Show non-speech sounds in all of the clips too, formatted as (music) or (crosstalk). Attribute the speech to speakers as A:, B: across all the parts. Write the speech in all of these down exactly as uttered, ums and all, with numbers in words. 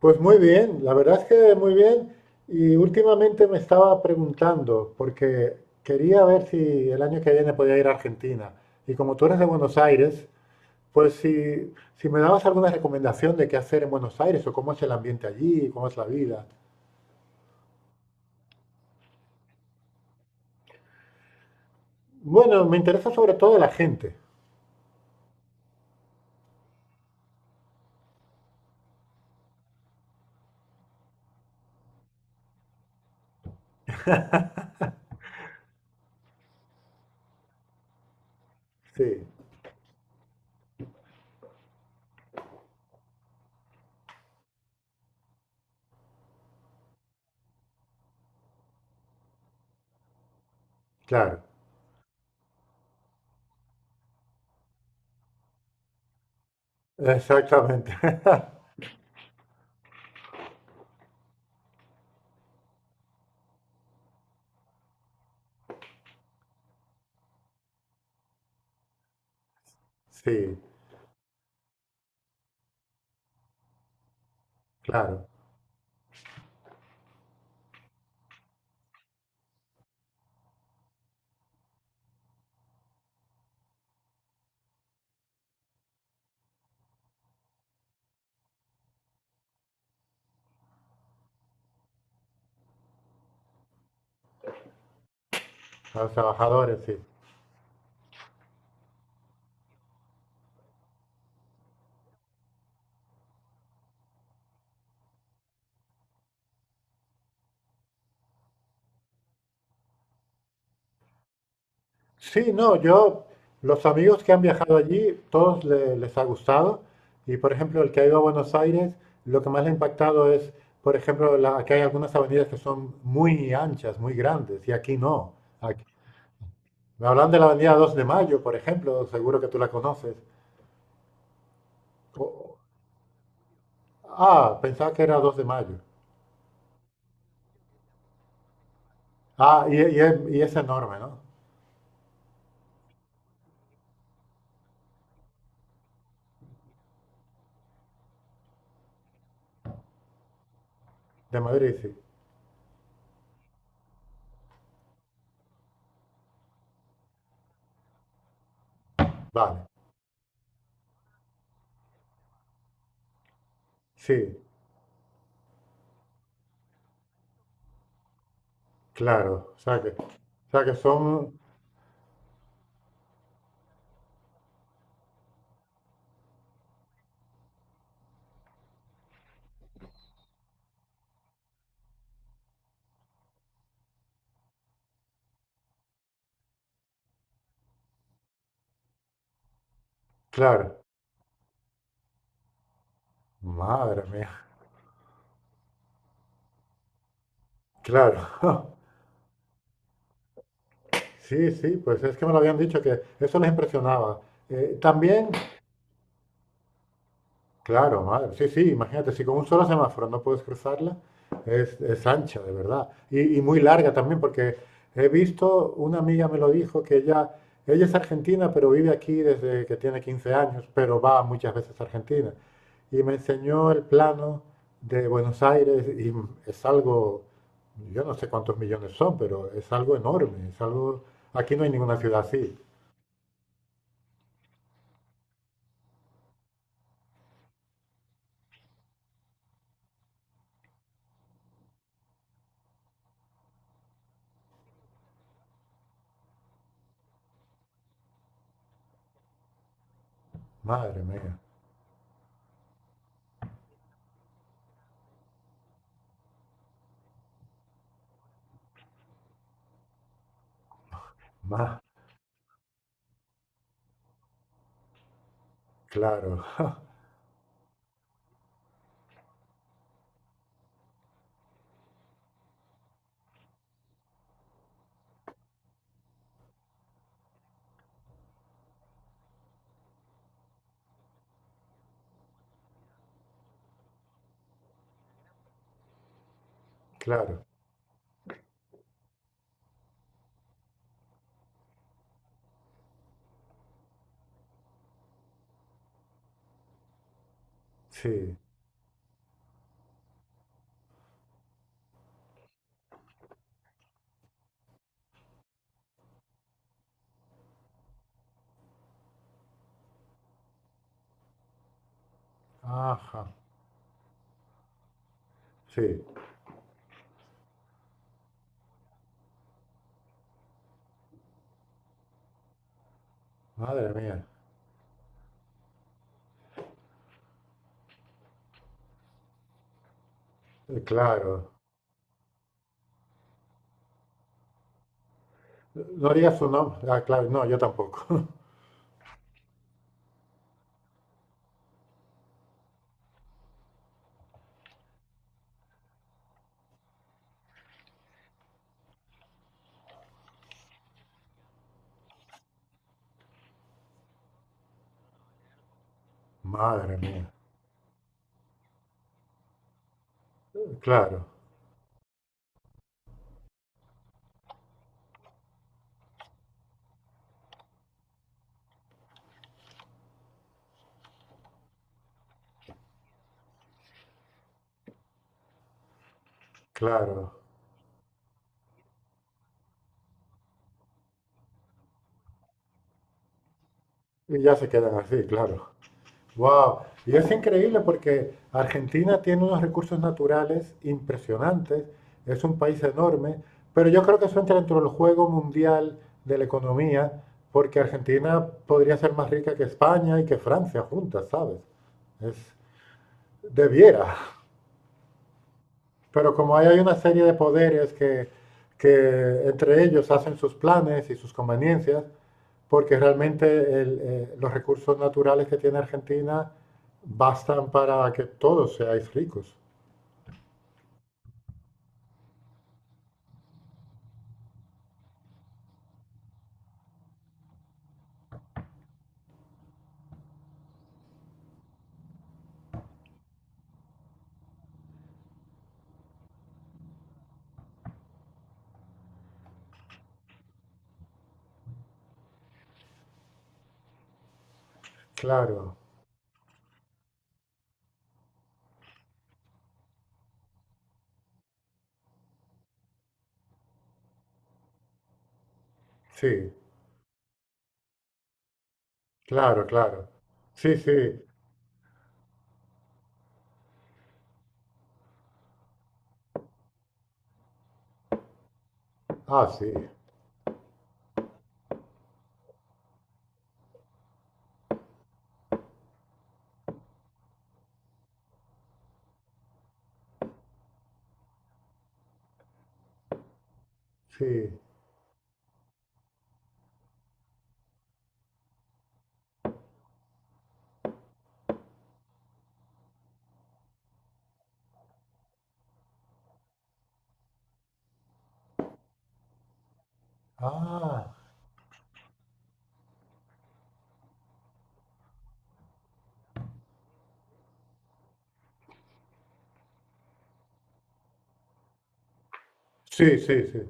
A: Pues muy bien, la verdad es que muy bien. Y últimamente me estaba preguntando, porque quería ver si el año que viene podía ir a Argentina. Y como tú eres de Buenos Aires, pues si, si me dabas alguna recomendación de qué hacer en Buenos Aires o cómo es el ambiente allí, cómo es la vida. Bueno, me interesa sobre todo la gente. Sí, claro, exactamente. (laughs) Sí, claro, a los trabajadores, sí. Sí, no, yo, los amigos que han viajado allí, todos le- les ha gustado. Y por ejemplo, el que ha ido a Buenos Aires, lo que más le ha impactado es, por ejemplo, la, que hay algunas avenidas que son muy anchas, muy grandes, y aquí no. Aquí- Me hablan de la avenida dos de Mayo, por ejemplo, seguro que tú la conoces. O- ah, pensaba que era dos de Mayo. Ah, y, y es y es enorme, ¿no? De Madrid, sí. Vale, sí, claro. O sea que, o sea que son, claro. Madre mía. Claro, (laughs) sí, sí, pues es que me lo habían dicho que eso les impresionaba. Eh, también. Claro, madre. Sí, sí, imagínate, si con un solo semáforo no puedes cruzarla, es, es ancha, de verdad. Y, y muy larga también, porque he visto, una amiga me lo dijo, que ella, ella es argentina, pero vive aquí desde que tiene quince años, pero va muchas veces a Argentina. Y me enseñó el plano de Buenos Aires y es algo, yo no sé cuántos millones son, pero es algo enorme, es algo, aquí no hay ninguna ciudad así. Madre mía, más, claro, claro, sí, ajá. Sí, madre mía. Eh, claro. No haría su nombre. Ah, claro, no, yo tampoco. (laughs) Madre mía, claro, claro. Y ya se quedan así, claro. Wow. Y es increíble porque Argentina tiene unos recursos naturales impresionantes, es un país enorme, pero yo creo que eso entra dentro del juego mundial de la economía, porque Argentina podría ser más rica que España y que Francia juntas, ¿sabes? Es, debiera. (laughs) Pero como ahí hay una serie de poderes que, que entre ellos hacen sus planes y sus conveniencias, porque realmente el, eh, los recursos naturales que tiene Argentina bastan para que todos seáis ricos. Claro, sí, claro, claro. Sí, sí. Ah, sí, sí. Ah, sí, sí, sí.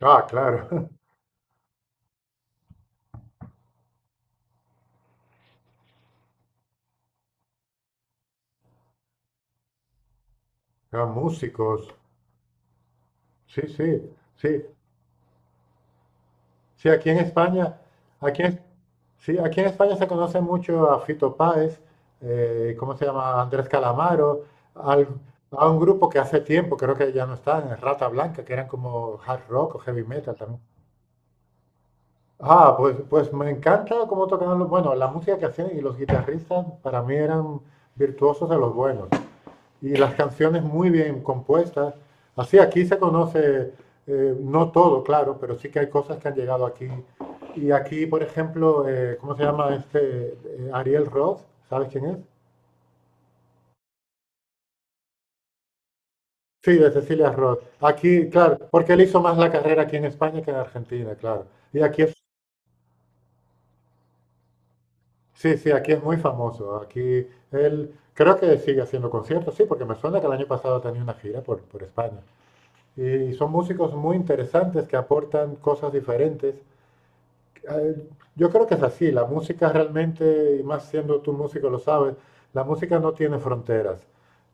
A: Ah, claro. (laughs) Ah, músicos. Sí, sí, sí. Sí, aquí en España, aquí en, sí, aquí en España se conoce mucho a Fito Páez, eh, ¿cómo se llama? Andrés Calamaro, al- a un grupo que hace tiempo, creo que ya no están, Rata Blanca, que eran como hard rock o heavy metal también. Ah, pues, pues me encanta cómo tocaban los, bueno, la música que hacían y los guitarristas para mí eran virtuosos de los buenos y las canciones muy bien compuestas. Así aquí se conoce, eh, no todo, claro, pero sí que hay cosas que han llegado aquí. Y aquí, por ejemplo, eh, ¿cómo se llama este? eh, Ariel Roth, ¿sabes quién es? Sí, de Cecilia Roth. Aquí, claro, porque él hizo más la carrera aquí en España que en Argentina, claro. Y aquí es, sí, sí, aquí es muy famoso. Aquí él creo que sigue haciendo conciertos, sí, porque me suena que el año pasado tenía una gira por, por España. Y son músicos muy interesantes que aportan cosas diferentes. Eh, Yo creo que es así, la música realmente, y más siendo tú músico lo sabes, la música no tiene fronteras.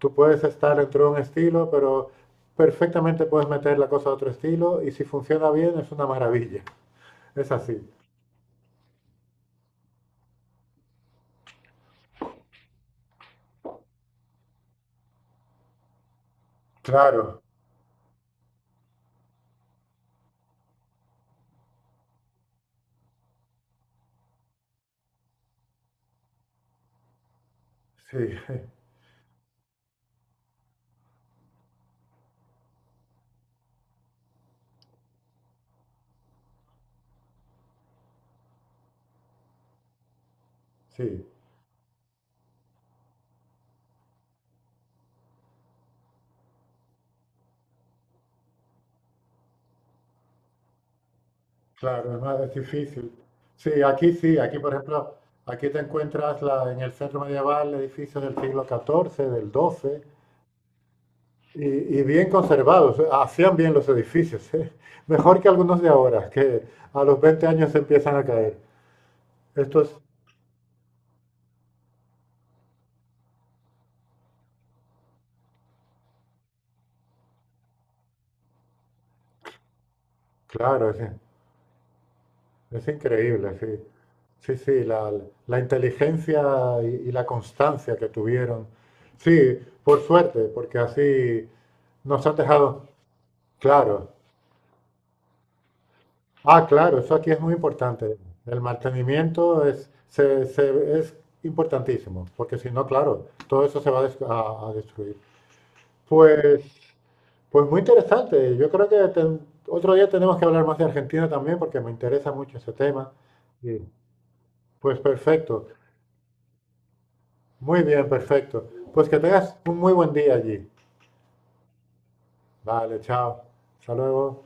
A: Tú puedes estar dentro de un estilo, pero perfectamente puedes meter la cosa a otro estilo y si funciona bien es una maravilla. Es así. Claro, sí, (laughs) sí, claro, es más, es difícil. Sí, aquí sí, aquí por ejemplo, aquí te encuentras la, en el centro medieval edificios del siglo catorce, del doce. Y, y bien conservados, eh, hacían bien los edificios, ¿eh? Mejor que algunos de ahora, que a los veinte años se empiezan a caer. Esto es, claro, es, es increíble, sí. Sí, sí, la, la inteligencia y, y la constancia que tuvieron. Sí, por suerte, porque así nos han dejado, claro. Ah, claro, eso aquí es muy importante. El mantenimiento es, se- se- es importantísimo, porque si no, claro, todo eso se va a, des- a- a destruir. Pues Pues muy interesante. Yo creo que ten- otro día tenemos que hablar más de Argentina también porque me interesa mucho ese tema. Y, pues perfecto. Muy bien, perfecto. Pues que tengas un muy buen día allí. Vale, chao. Hasta luego.